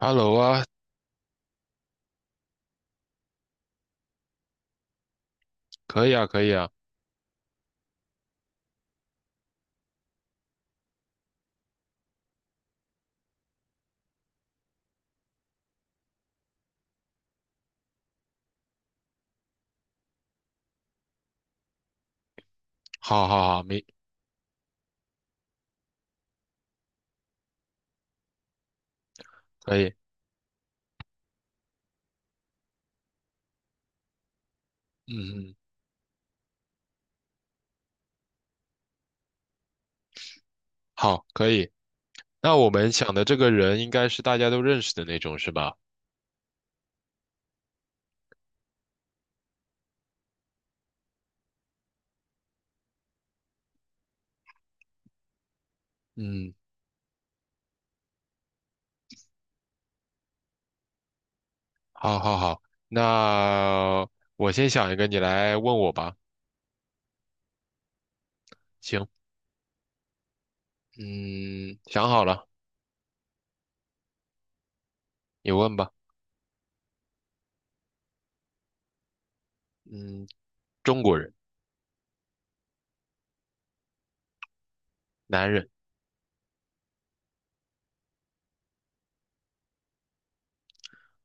Hello 啊。可以啊，可以啊。好好好。没可以。嗯嗯。好，可以。那我们想的这个人应该是大家都认识的那种，是吧？嗯。好好好。那我先想一个，你来问我吧。行。嗯，想好了，你问吧。嗯，中国人。男人。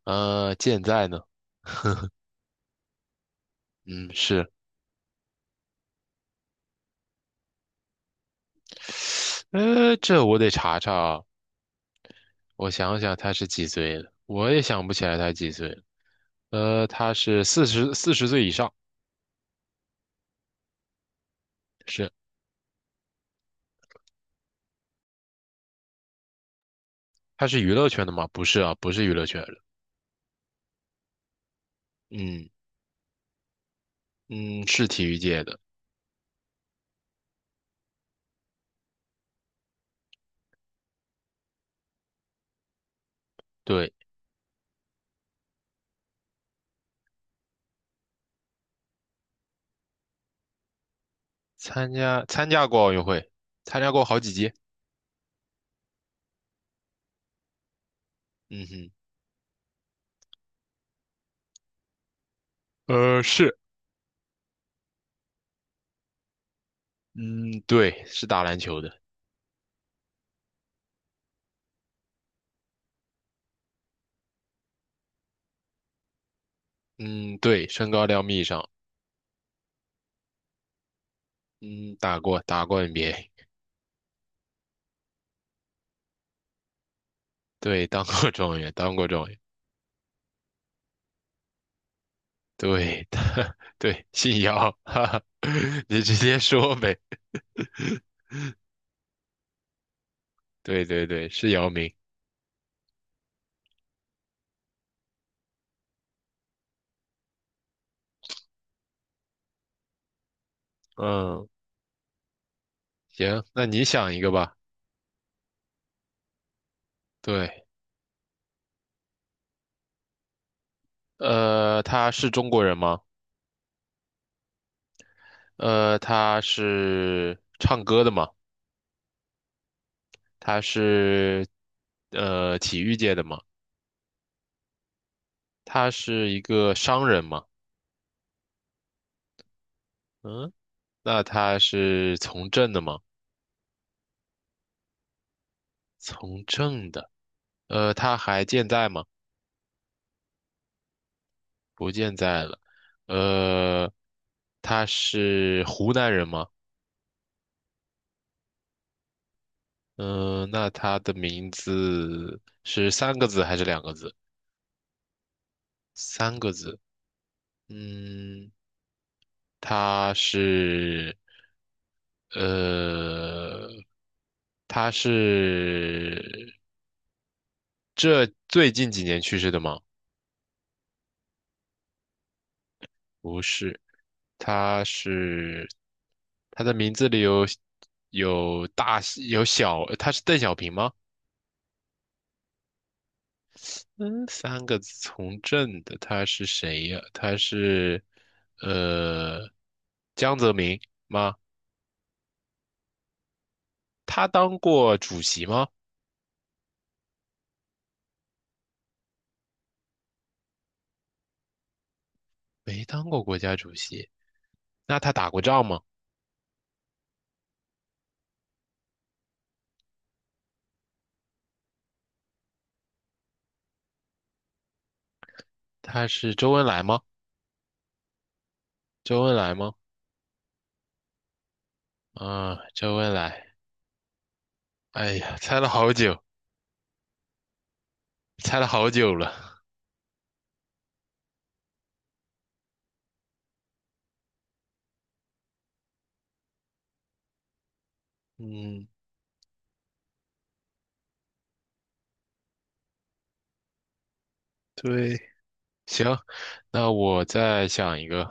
健在呢？嗯，是。这我得查查啊，我想想他是几岁了，我也想不起来他几岁了。他是四十岁以上。是。他是娱乐圈的吗？不是啊，不是娱乐圈的。嗯嗯，是体育界的。对，参加过奥运会，参加过好几届。嗯哼。是。嗯，对，是打篮球的。嗯，对，身高两米以上。嗯，打过 NBA。对，当过状元，当过状元。对，他 对，姓姚，哈哈，你直接说呗。对对对，是姚明。嗯。行，那你想一个吧。对。他是中国人吗？他是唱歌的嘛？他是体育界的嘛？他是一个商人嘛？嗯，那他是从政的嘛？从政的。他还健在吗？不健在了。呃，他是湖南人吗？嗯，那他的名字是三个字还是两个字？三个字。嗯。他是呃，他是这最近几年去世的吗？不是。他是他的名字里有大有小，他是邓小平吗？嗯，三个字从政的，他是谁呀？他是呃江泽民吗？他当过主席吗？没当过国家主席。那他打过仗吗？他是周恩来吗？周恩来吗？啊，周恩来。哎呀，猜了好久。猜了好久了。嗯，对。行，那我再想一个。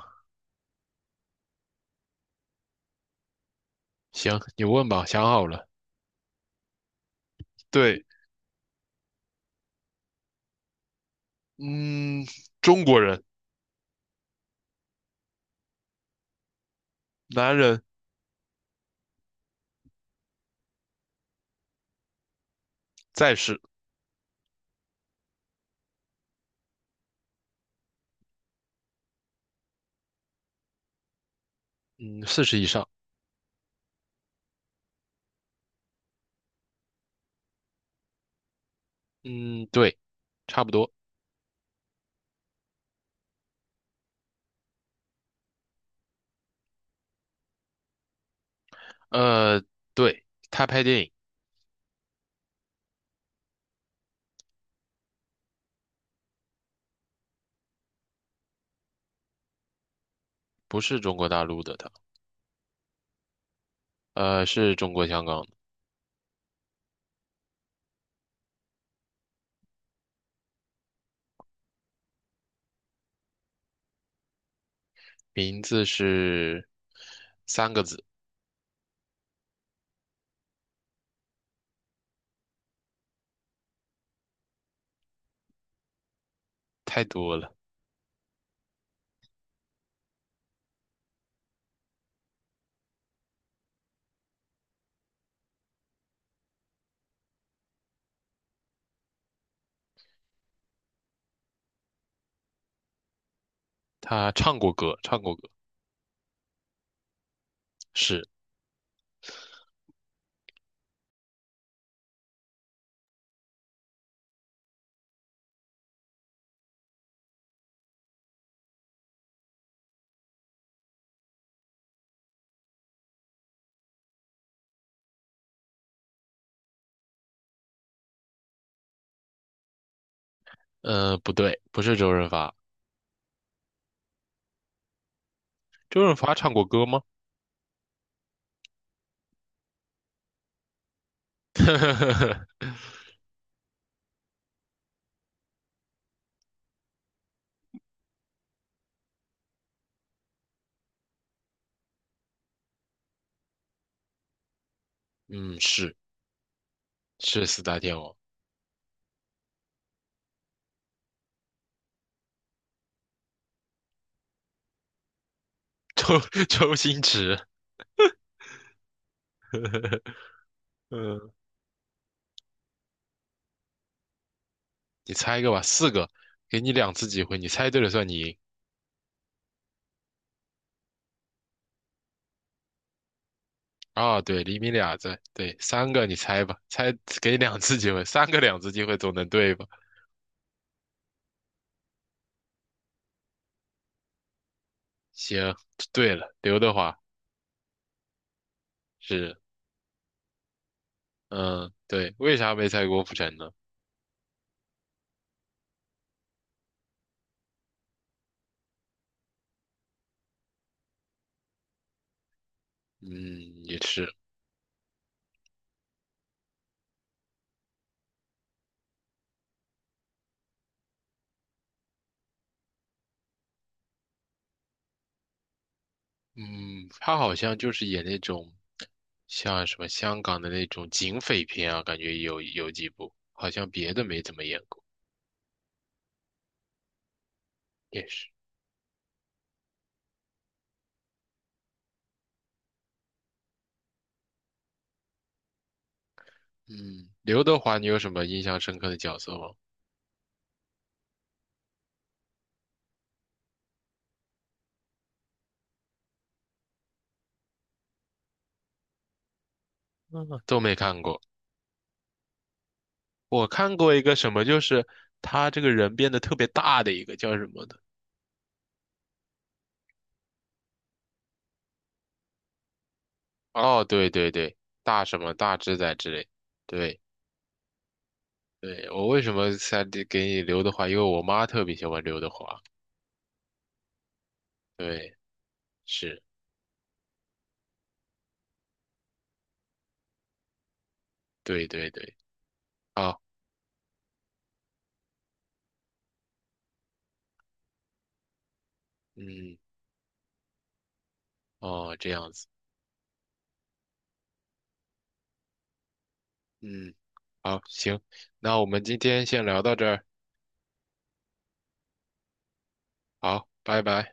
行，你问吧，想好了。对。嗯，中国人。男人。在世。嗯，四十以上。嗯，对，差不多。呃，对，他拍电影。不是中国大陆的他。是中国香港的。名字是三个字。太多了。他唱过歌，唱过歌。是。不对，不是周润发。周润发唱过歌吗？嗯，是，是四大天王。周 周星驰。嗯，你猜一个吧，四个，给你两次机会，你猜对了算你赢。啊，对，厘米俩字，对，三个你猜吧，猜给你两次机会，三个两次机会总能对吧？行，对了，刘德华是。嗯，对，为啥没猜郭富城呢？嗯，也是。嗯，他好像就是演那种像什么香港的那种警匪片啊，感觉有几部，好像别的没怎么演过，也是。嗯，刘德华，你有什么印象深刻的角色吗？嗯，都没看过。我看过一个什么，就是他这个人变得特别大的一个叫什么的？哦，对对对，大什么大只仔之类。对对，我为什么才给你刘德华？因为我妈特别喜欢刘德华。对。是。对对对。好。嗯。哦，这样子。嗯。好，行，那我们今天先聊到这儿。好，拜拜。